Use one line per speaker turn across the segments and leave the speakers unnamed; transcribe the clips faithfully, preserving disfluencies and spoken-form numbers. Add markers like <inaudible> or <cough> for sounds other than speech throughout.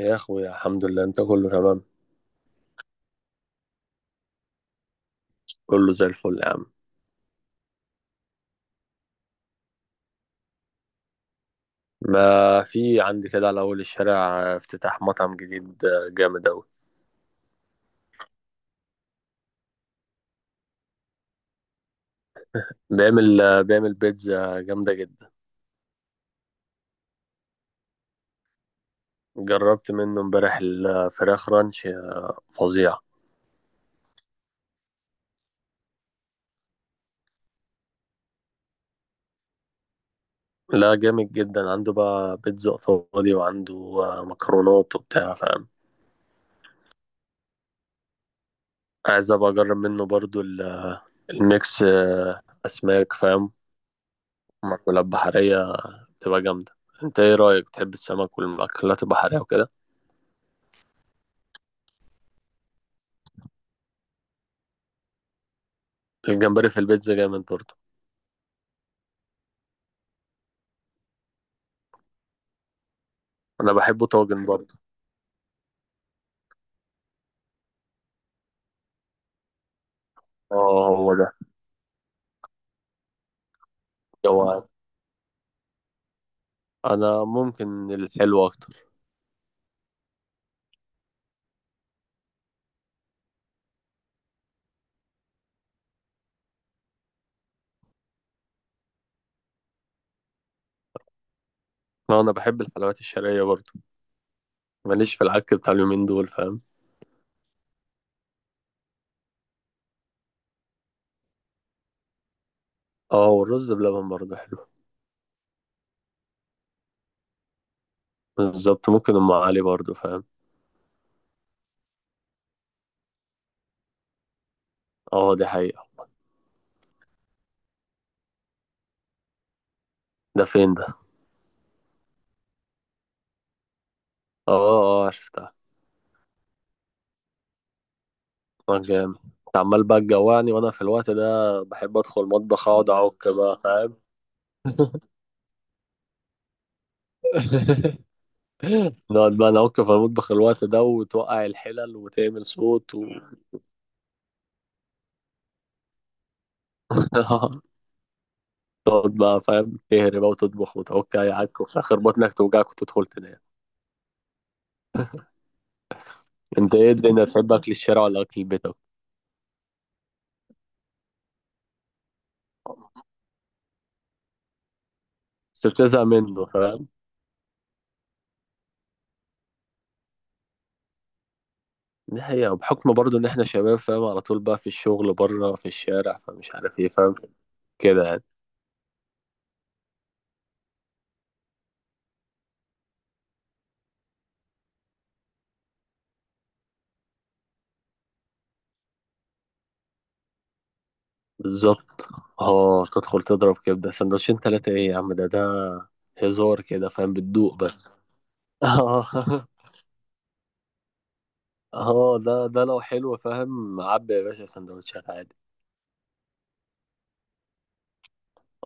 يا اخويا الحمد لله، انت كله تمام. كله زي الفل يا عم. ما في عندي كده على اول الشارع افتتاح مطعم جديد جامد اوي. بيعمل بيعمل بيتزا جامدة جدا. جربت منه امبارح الفراخ رانش، فظيع. لا، جامد جدا. عنده بقى بيتزا ايطالي، وعنده مكرونات وبتاع، فاهم. عايز ابقى اجرب منه برضو ال- الميكس، اسماك فاهم، مأكولات بحرية، تبقى جامدة. انت ايه رأيك، بتحب السمك والمأكولات البحرية وكده؟ الجمبري في البيتزا جامد برضه. انا بحبه طاجن برضه. اه، هو ده. جوعان، انا ممكن الحلو اكتر. اه انا بحب الحلويات الشرقيه برضه. ماليش في العك بتاع اليومين دول، فاهم. اه والرز بلبن برضه حلو. بالظبط، ممكن ام علي برضه فاهم. اه دي حقيقه. ده فين ده؟ اه اه شفتها. اه جامد. انت عمال بقى تجوعني وانا في الوقت ده بحب ادخل المطبخ اقعد اعك بقى، فاهم. <laughs> نقعد بقى نعك في المطبخ الوقت ده، وتوقع الحلل وتعمل صوت و... <laughs> تقعد بقى فاهم تهري بقى وتطبخ وتعك عك، وفي الاخر بطنك توجعك وتدخل تنام. انت ايه الدنيا، بتحب اكل الشارع ولا اكل البيت أكتر؟ بس بتزهق منه فاهم. دي حقيقة، بحكم برضه ان احنا شباب فاهم، على طول بقى في الشغل بره في الشارع، فمش عارف ايه فاهم. كده يعني. بالظبط. اه تدخل تضرب كبدة سندوتشين تلاتة. ايه يا عم، ده ده هزار كده فاهم، بتدوق بس. اه <laughs> اه ده ده لو حلو فاهم، عبي يا باشا سندوتشات عادي.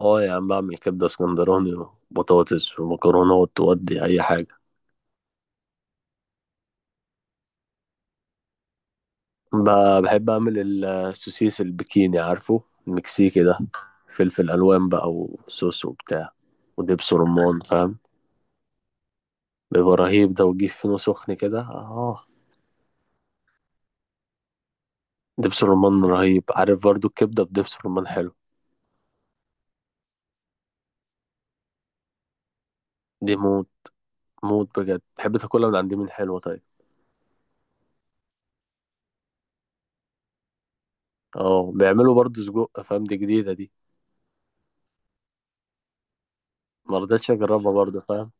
اه يا عم، بعمل كبدة اسكندراني وبطاطس ومكرونات وأدي أي حاجة. ب- بحب أعمل ال- السوسيس البكيني، عارفه، المكسيكي ده. فلفل ألوان بقى وصوص وبتاع ودبس رمان، فاهم. بيبقى رهيب ده، وتجيب فينو سخن كده اه. دبس رمان رهيب. عارف برضو، الكبدة بدبس رمان حلو. دي موت. موت بجد. بحب تاكلها من عند مين، حلوة طيب؟ اه بيعملوا برضو سجق، فاهم، دي جديدة دي. مرضتش أجربها برضو فاهم.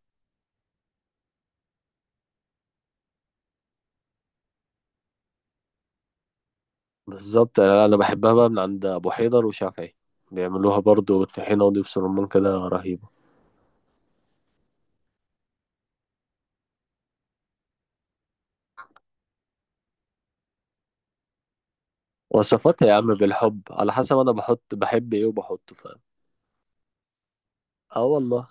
بالظبط، انا أنا بحبها بقى من عند ابو حيدر وشافعي. بيعملوها برضو طحينة ودبس رمان كده، رهيبة. وصفات يا عم بالحب، على حسب انا بحط، بحب ايه وبحطه فاهم. اه والله.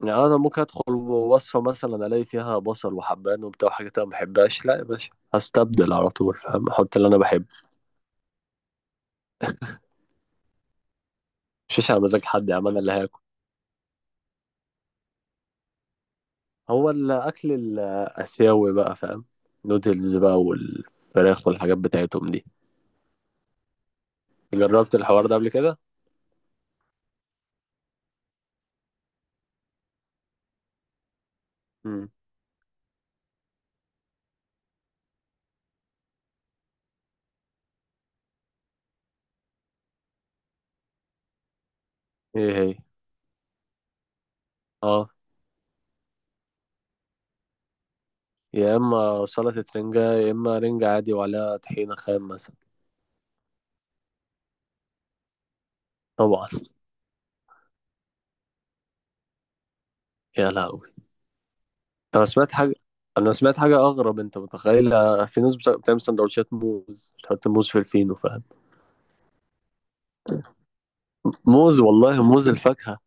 يعني انا ممكن ادخل وصفة مثلا الاقي فيها بصل وحبان وبتاع وحاجات انا ما بحبهاش، لا يا باشا هستبدل على طول فاهم، احط اللي انا بحبه. مش على مزاج حد يا عم، انا اللي هاكل. هو الاكل الاسيوي بقى فاهم، نودلز بقى والفراخ والحاجات بتاعتهم دي. جربت الحوار ده قبل كده؟ مم. ايه هي؟ اه يا اما سلطة رنجة، يا اما رنجة عادي وعليها طحينة خام مثلا. طبعا. يا لهوي. انا سمعت حاجة. انا سمعت حاجة اغرب، انت متخيل. في ناس بت- بتعمل سندوتشات موز، بتحط موز في الفينو فاهم. موز والله، موز الفاكهة.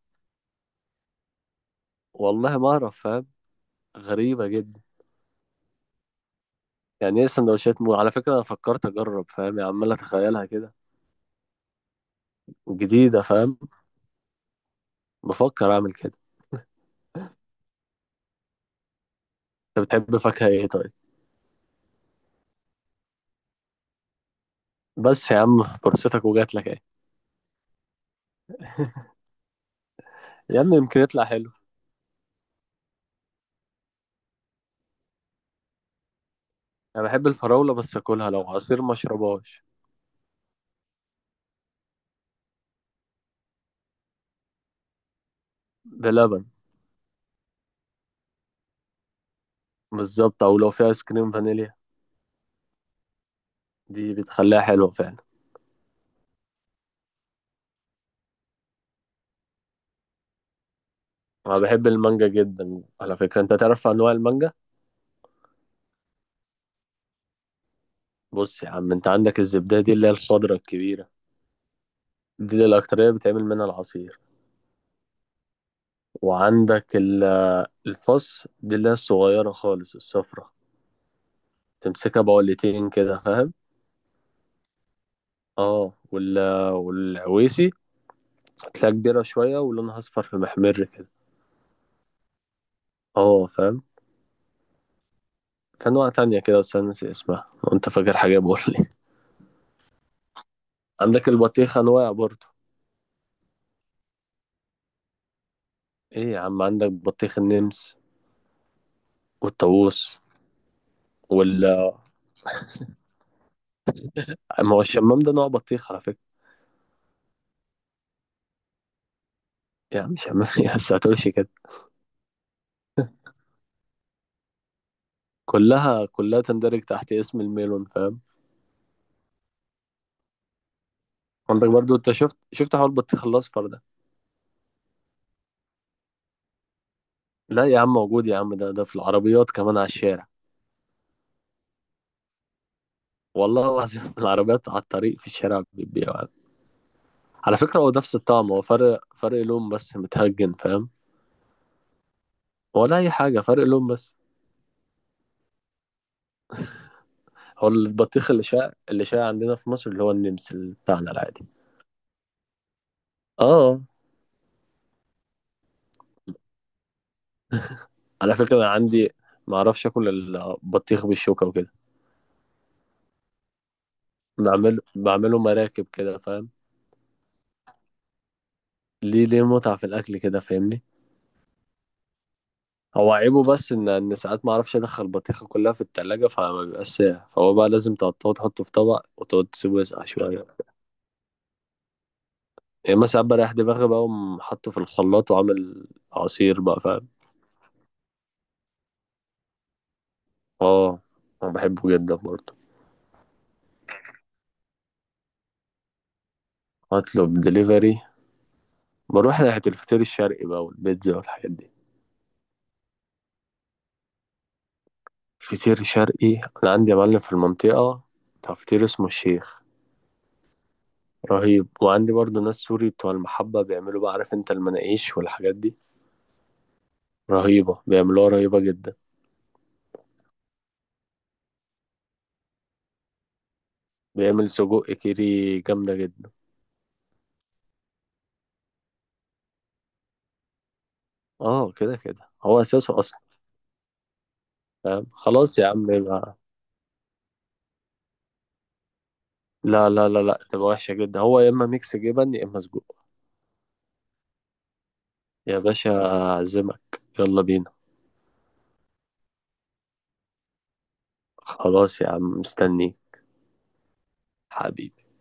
والله ما اعرف فاهم. غريبة جدا. يعني ايه سندوتشات موز؟ على فكرة انا فكرت اجرب فاهم، يعني عمال اتخيلها كده، جديدة فاهم. بفكر اعمل كده. انت بتحب فاكهة ايه طيب؟ بس يا عم فرصتك وجات لك اهي. <laughs> يا عم يمكن يطلع حلو. انا بحب الفراولة بس اكلها لو عصير، ما اشربهاش. بلبن. بالظبط، او لو في ايس كريم فانيليا، دي بتخليها حلوة فعلا. انا بحب المانجا جدا، على فكرة انت تعرف انواع المانجا؟ بص يا عم، انت عندك الزبدة دي اللي هي الخضرة الكبيرة، دي اللي الاكترية بتعمل منها العصير. وعندك ال- الفص دي اللي هي الصغيرة خالص الصفرة، تمسكها بقولتين كده، فاهم. اه وال... والعويسي هتلاقيها كبيرة شوية، ولونها اصفر في محمر كده. اه فاهم. في أنواع تانية كده بس أنا ناسي اسمها، لو أنت فاكر حاجة بقول لي. <laughs> عندك البطيخ أنواع برضو. إيه يا عم، عندك بطيخ النمس والطاووس وال. ما هو الشمام ده نوع بطيخ على فكرة. يعني شمام <laughs> يا بس هتقولش كده. كلها كلها تندرج تحت اسم الميلون، فاهم. عندك برضو، أنت شفت شفت حوار البطيخ الأصفر ده؟ لا يا عم موجود، يا عم ده ده في العربيات كمان على الشارع. والله العظيم <laughs> العربيات على الطريق في الشارع بتبيعه يعني. على فكرة هو نفس الطعم، هو فرق فرق لون بس، متهجن فاهم، ولا أي حاجة، فرق لون بس. هو البطيخ اللي شاع اللي شاع عندنا في مصر، اللي هو النمسل بتاعنا العادي. اه على فكرة أنا عندي، ما اعرفش اكل البطيخ بالشوكة وكده. بعمل بعمله مراكب كده فاهم. ليه ليه متعة في الاكل كده، فاهمني. هو عيبه بس ان ان ساعات ما اعرفش ادخل البطيخة كلها في التلاجة، فما بيبقاش ساقع، فهو بقى لازم تقطعه تحطه في طبق وتقعد تسيبه يسقع شوية. يعني مثلا ساعات بريح دماغي بقى، وأقوم حاطه في الخلاط وعامل عصير بقى، فاهم. اه انا بحبه جدا برضه. اطلب دليفري، بروح ناحية الفطير الشرقي بقى والبيتزا والحاجات دي. فطير شرقي. أنا عندي يا معلم في المنطقة بتاع فطير اسمه الشيخ، رهيب. وعندي برضو ناس سوري بتوع المحبة، بيعملوا بقى، عارف انت المناقيش والحاجات دي، رهيبة، بيعملوها رهيبة جدا. بيعمل سجق كيري جامدة جدا. اه كده كده، هو أساسه أصلا. فاهم خلاص يا عم، يبقى لا لا لا لا، تبقى وحشة جدا. هو يا إما ميكس جبن يا إما سجق. يا باشا أعزمك، يلا بينا. خلاص يا عم مستنيك. حبيبي.